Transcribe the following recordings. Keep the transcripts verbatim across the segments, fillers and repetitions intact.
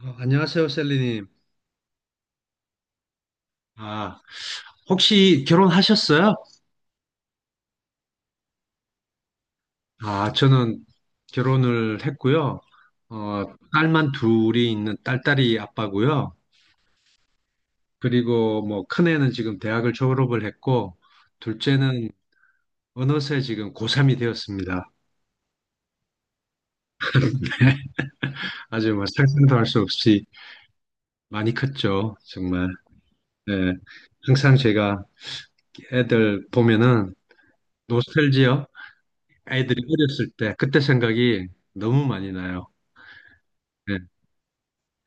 어, 안녕하세요, 셀리님. 아, 혹시 결혼하셨어요? 아, 저는 결혼을 했고요. 어, 딸만 둘이 있는 딸딸이 아빠고요. 그리고 뭐 큰애는 지금 대학을 졸업을 했고, 둘째는 어느새 지금 고3이 되었습니다. 아주 뭐 상상도 할 수 없이 많이 컸죠, 정말. 네. 항상 제가 애들 보면은 노스텔지요. 애들이 어렸을 때 그때 생각이 너무 많이 나요. 예.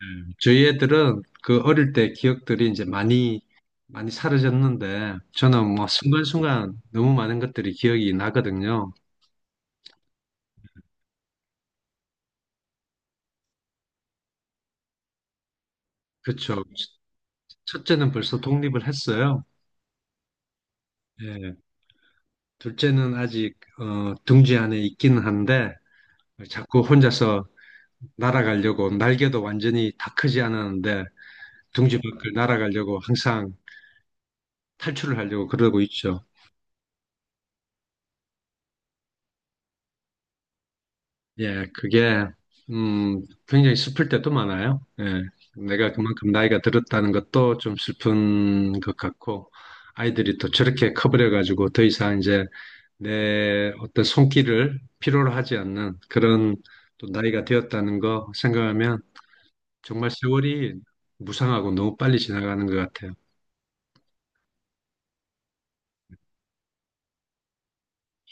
음, 저희 애들은 그 어릴 때 기억들이 이제 많이, 많이 사라졌는데, 저는 뭐 순간순간 너무 많은 것들이 기억이 나거든요. 그쵸. 첫째는 벌써 독립을 했어요. 예. 둘째는 아직, 어, 둥지 안에 있기는 한데, 자꾸 혼자서 날아가려고, 날개도 완전히 다 크지 않았는데, 둥지 밖을 날아가려고 항상 탈출을 하려고 그러고 있죠. 예, 그게, 음, 굉장히 슬플 때도 많아요. 예, 내가 그만큼 나이가 들었다는 것도 좀 슬픈 것 같고, 아이들이 또 저렇게 커버려가지고 더 이상 이제 내 어떤 손길을 필요로 하지 않는 그런 또 나이가 되었다는 거 생각하면 정말 세월이 무상하고 너무 빨리 지나가는 것 같아요.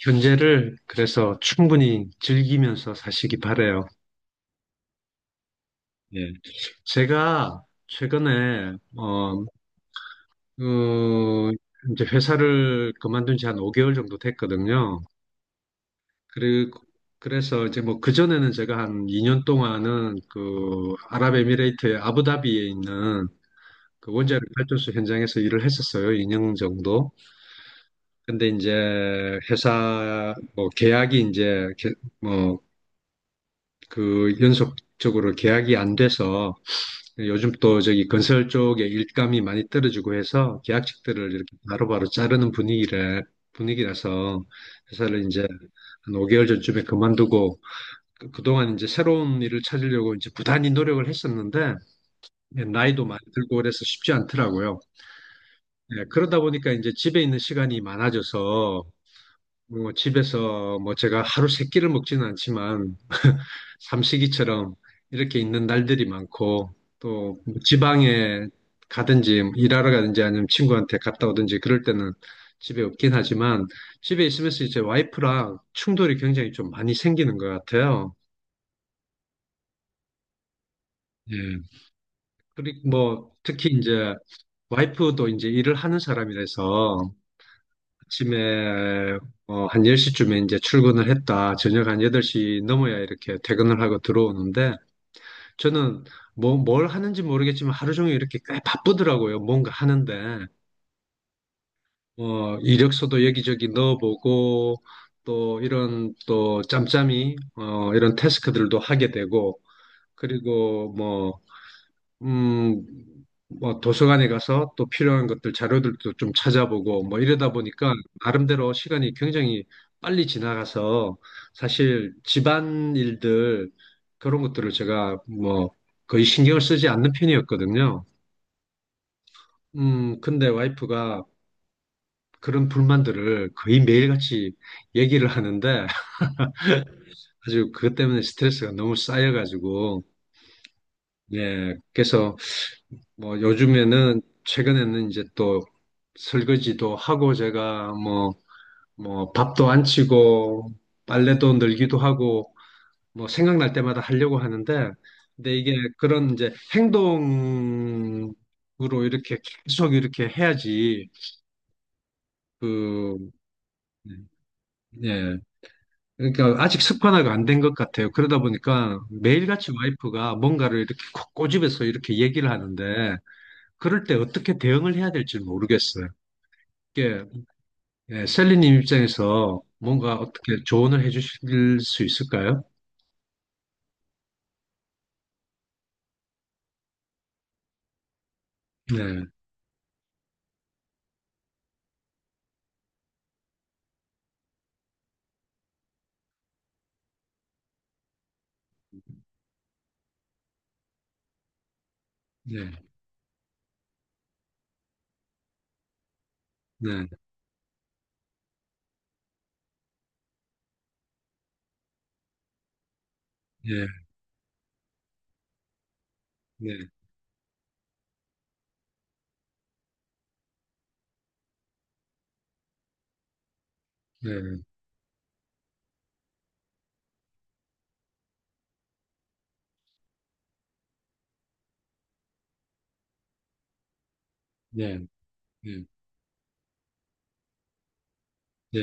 현재를 그래서 충분히 즐기면서 사시기 바래요. 예. 제가 최근에 어, 어, 이제 회사를 그만둔 지 한 오 개월 정도 됐거든요. 그리고 그래서 이제 뭐 그전에는 제가 한 이 년 동안은 그 아랍에미레이트의 아부다비에 있는 그 원자력 발전소 현장에서 일을 했었어요. 이 년 정도. 근데 이제 회사 뭐 계약이 이제 개- 뭐 그 연속적으로 계약이 안 돼서 요즘 또 저기 건설 쪽에 일감이 많이 떨어지고 해서 계약직들을 이렇게 바로바로 자르는 분위기를 분위기라서 회사를 이제 한 오 개월 전쯤에 그만두고 그- 그동안 이제 새로운 일을 찾으려고 이제 부단히 노력을 했었는데 예, 나이도 많이 들고 그래서 쉽지 않더라고요. 예, 그러다 보니까 이제 집에 있는 시간이 많아져서 뭐 집에서 뭐 제가 하루 세 끼를 먹지는 않지만 삼식이처럼 이렇게 있는 날들이 많고 또뭐 지방에 가든지 일하러 가든지 아니면 친구한테 갔다 오든지 그럴 때는 집에 없긴 하지만 집에 있으면서 이제 와이프랑 충돌이 굉장히 좀 많이 생기는 것 같아요. 예. 그리고 뭐 특히 이제 와이프도 이제 일을 하는 사람이라서 아침에 어, 한 열 시쯤에 이제 출근을 했다, 저녁 한 여덟 시 넘어야 이렇게 퇴근을 하고 들어오는데 저는 뭐, 뭘 하는지 모르겠지만 하루 종일 이렇게 꽤 바쁘더라고요. 뭔가 하는데 어, 이력서도 여기저기 넣어보고 또 이런 또 짬짬이 어, 이런 태스크들도 하게 되고 그리고 뭐 음, 뭐 도서관에 가서 또 필요한 것들 자료들도 좀 찾아보고 뭐 이러다 보니까 나름대로 시간이 굉장히 빨리 지나가서 사실 집안 일들 그런 것들을 제가 뭐 거의 신경을 쓰지 않는 편이었거든요. 음, 근데 와이프가 그런 불만들을 거의 매일같이 얘기를 하는데 아주 그것 때문에 스트레스가 너무 쌓여가지고 예, 그래서 뭐 요즘에는 최근에는 이제 또 설거지도 하고 제가 뭐 뭐 밥도 안 치고 빨래도 늘기도 하고 뭐 생각날 때마다 하려고 하는데 근데 이게 그런 이제 행동으로 이렇게 계속 이렇게 해야지 그 예. 그러니까 아직 습관화가 안 된 것 같아요. 그러다 보니까 매일같이 와이프가 뭔가를 이렇게 꼬- 꼬집어서 이렇게 얘기를 하는데 그럴 때 어떻게 대응을 해야 될지 모르겠어요. 네, 셀리님 입장에서 뭔가 어떻게 조언을 해주실 수 있을까요? 네, 네, 네, 네, 네, 네, 네, 네, 네.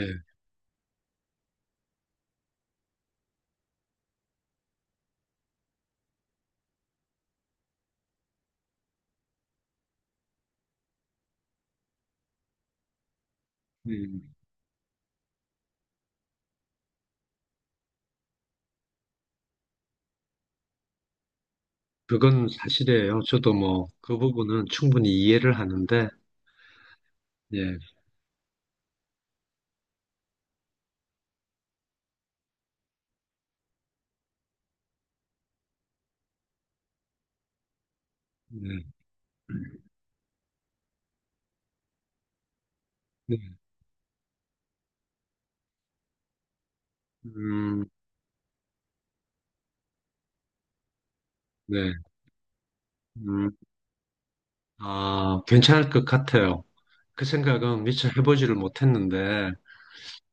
음, 그건 사실이에요. 저도 뭐 그 부분은 충분히 이해를 하는데, 네, 네, 네, 음, 네, 음, 아, 괜찮을 것 같아요. 그 생각은 미처 해보지를 못했는데,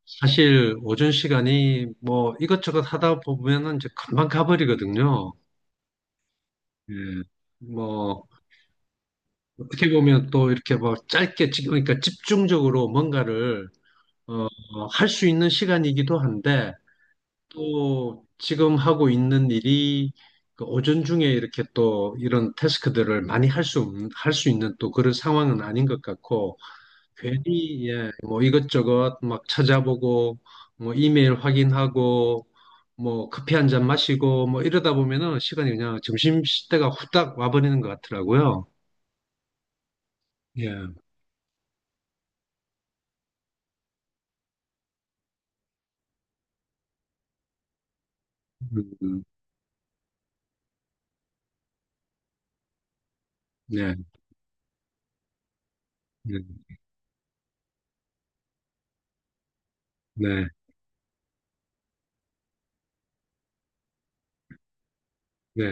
사실 오전 시간이 뭐 이것저것 하다 보면은 이제 금방 가버리거든요. 예. 뭐 어떻게 보면 또 이렇게 뭐 짧게, 집- 그러니까 집중적으로 뭔가를 어, 할수 있는 시간이기도 한데, 또 지금 하고 있는 일이 그 오전 중에 이렇게 또 이런 태스크들을 많이 할 수, 할 수 있는 또 그런 상황은 아닌 것 같고, 괜히, 예, 뭐 이것저것 막 찾아보고, 뭐 이메일 확인하고, 뭐 커피 한잔 마시고, 뭐 이러다 보면은 시간이 그냥 점심시대가 후딱 와버리는 것 같더라고요. 예. 음, 음. 네. 네, 네, 네,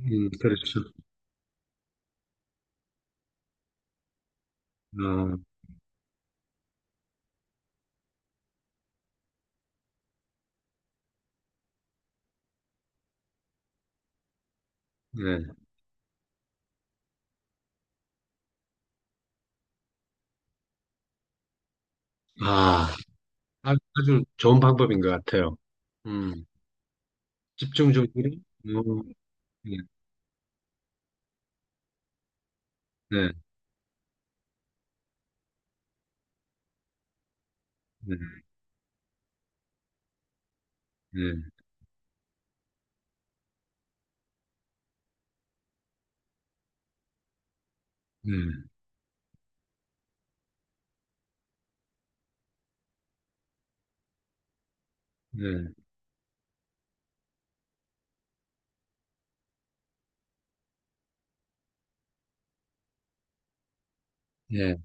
음, 그렇죠. 어, 네. 아, 아, 아주 좋은 방법인 것 같아요. 음, 집중적으로, 어, 네, 네, 네, 네, 네, 네, 네.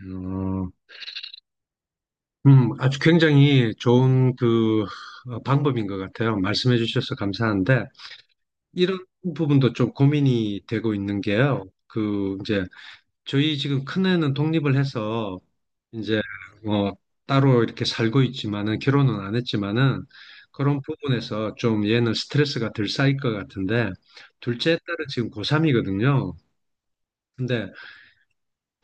어, 음, 아주 굉장히 좋은 그 어, 방법인 것 같아요. 말씀해 주셔서 감사한데, 이런 부분도 좀 고민이 되고 있는 게요. 그, 이제, 저희 지금 큰애는 독립을 해서 이제 뭐 따로 이렇게 살고 있지만은 결혼은 안 했지만은 그런 부분에서 좀 얘는 스트레스가 덜 쌓일 것 같은데 둘째 딸은 지금 고3이거든요. 근데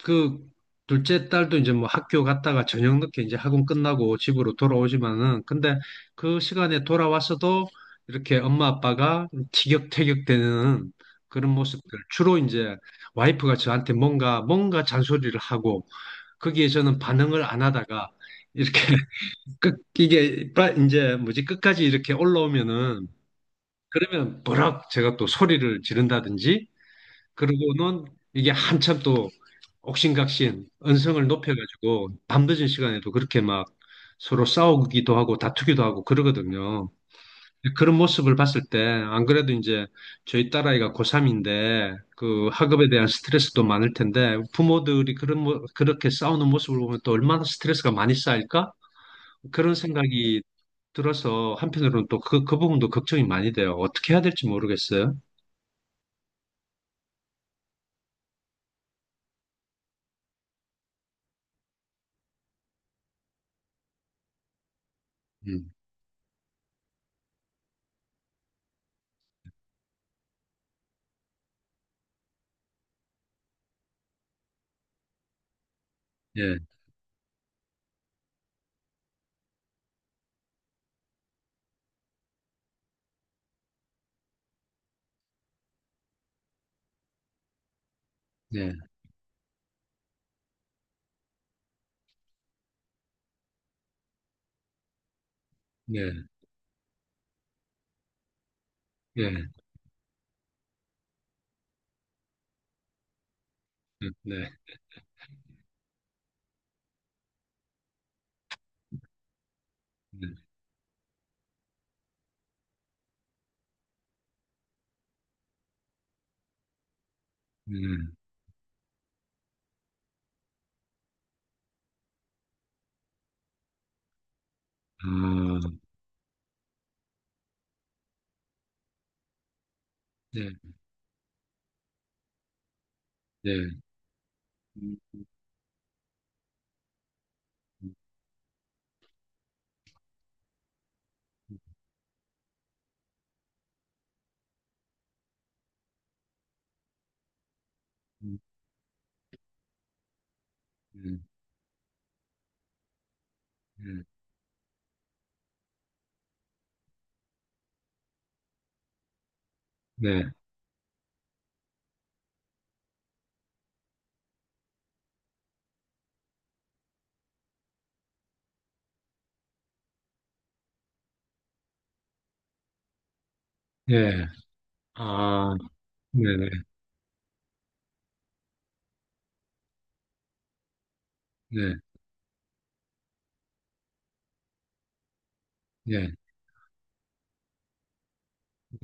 그 둘째 딸도 이제 뭐 학교 갔다가 저녁 늦게 이제 학원 끝나고 집으로 돌아오지만은 근데 그 시간에 돌아왔어도 이렇게 엄마 아빠가 티격태격 되는 그런 모습들 주로 이제 와이프가 저한테 뭔가 뭔가 잔소리를 하고 거기에 저는 반응을 안 하다가 이렇게 끝 이게 빠- 이제 뭐지 끝까지 이렇게 올라오면은 그러면 버럭 제가 또 소리를 지른다든지 그러고는 이게 한참 또 옥신각신 언성을 높여가지고 밤늦은 시간에도 그렇게 막 서로 싸우기도 하고 다투기도 하고 그러거든요. 그런 모습을 봤을 때, 안 그래도 이제 저희 딸아이가 고3인데, 그 학업에 대한 스트레스도 많을 텐데, 부모들이 그런, 모- 그렇게 싸우는 모습을 보면 또 얼마나 스트레스가 많이 쌓일까? 그런 생각이 들어서 한편으로는 또 그, 그 부분도 걱정이 많이 돼요. 어떻게 해야 될지 모르겠어요. 음, 예, 예, 예, 예, 예, 네, 네, 네, 아, 네, 네, 음, 음, 음, 음, 네, 예, 아, 네, 네, 네, 네. 네,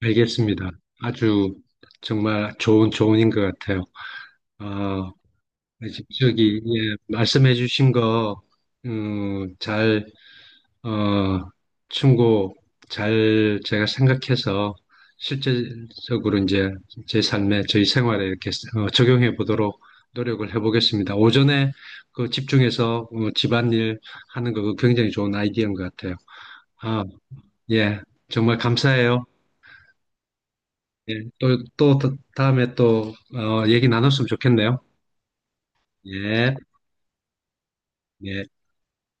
알겠습니다. 아주 정말 좋은 조언인 것 같아요. 어, 이제 저기 예, 말씀해주신 거 음, 잘 어, 충고 잘 제가 생각해서 실제적으로 이제 제 삶에 저희 생활에 이렇게 어, 적용해 보도록 노력을 해보겠습니다. 오전에 그 집중해서 어, 집안일 하는 거 그거 굉장히 좋은 아이디어인 것 같아요. 아, 예, 정말 감사해요. 예, 또, 또, 다- 음에 또, 어, 얘기 나눴으면 좋겠네요. 예, 예.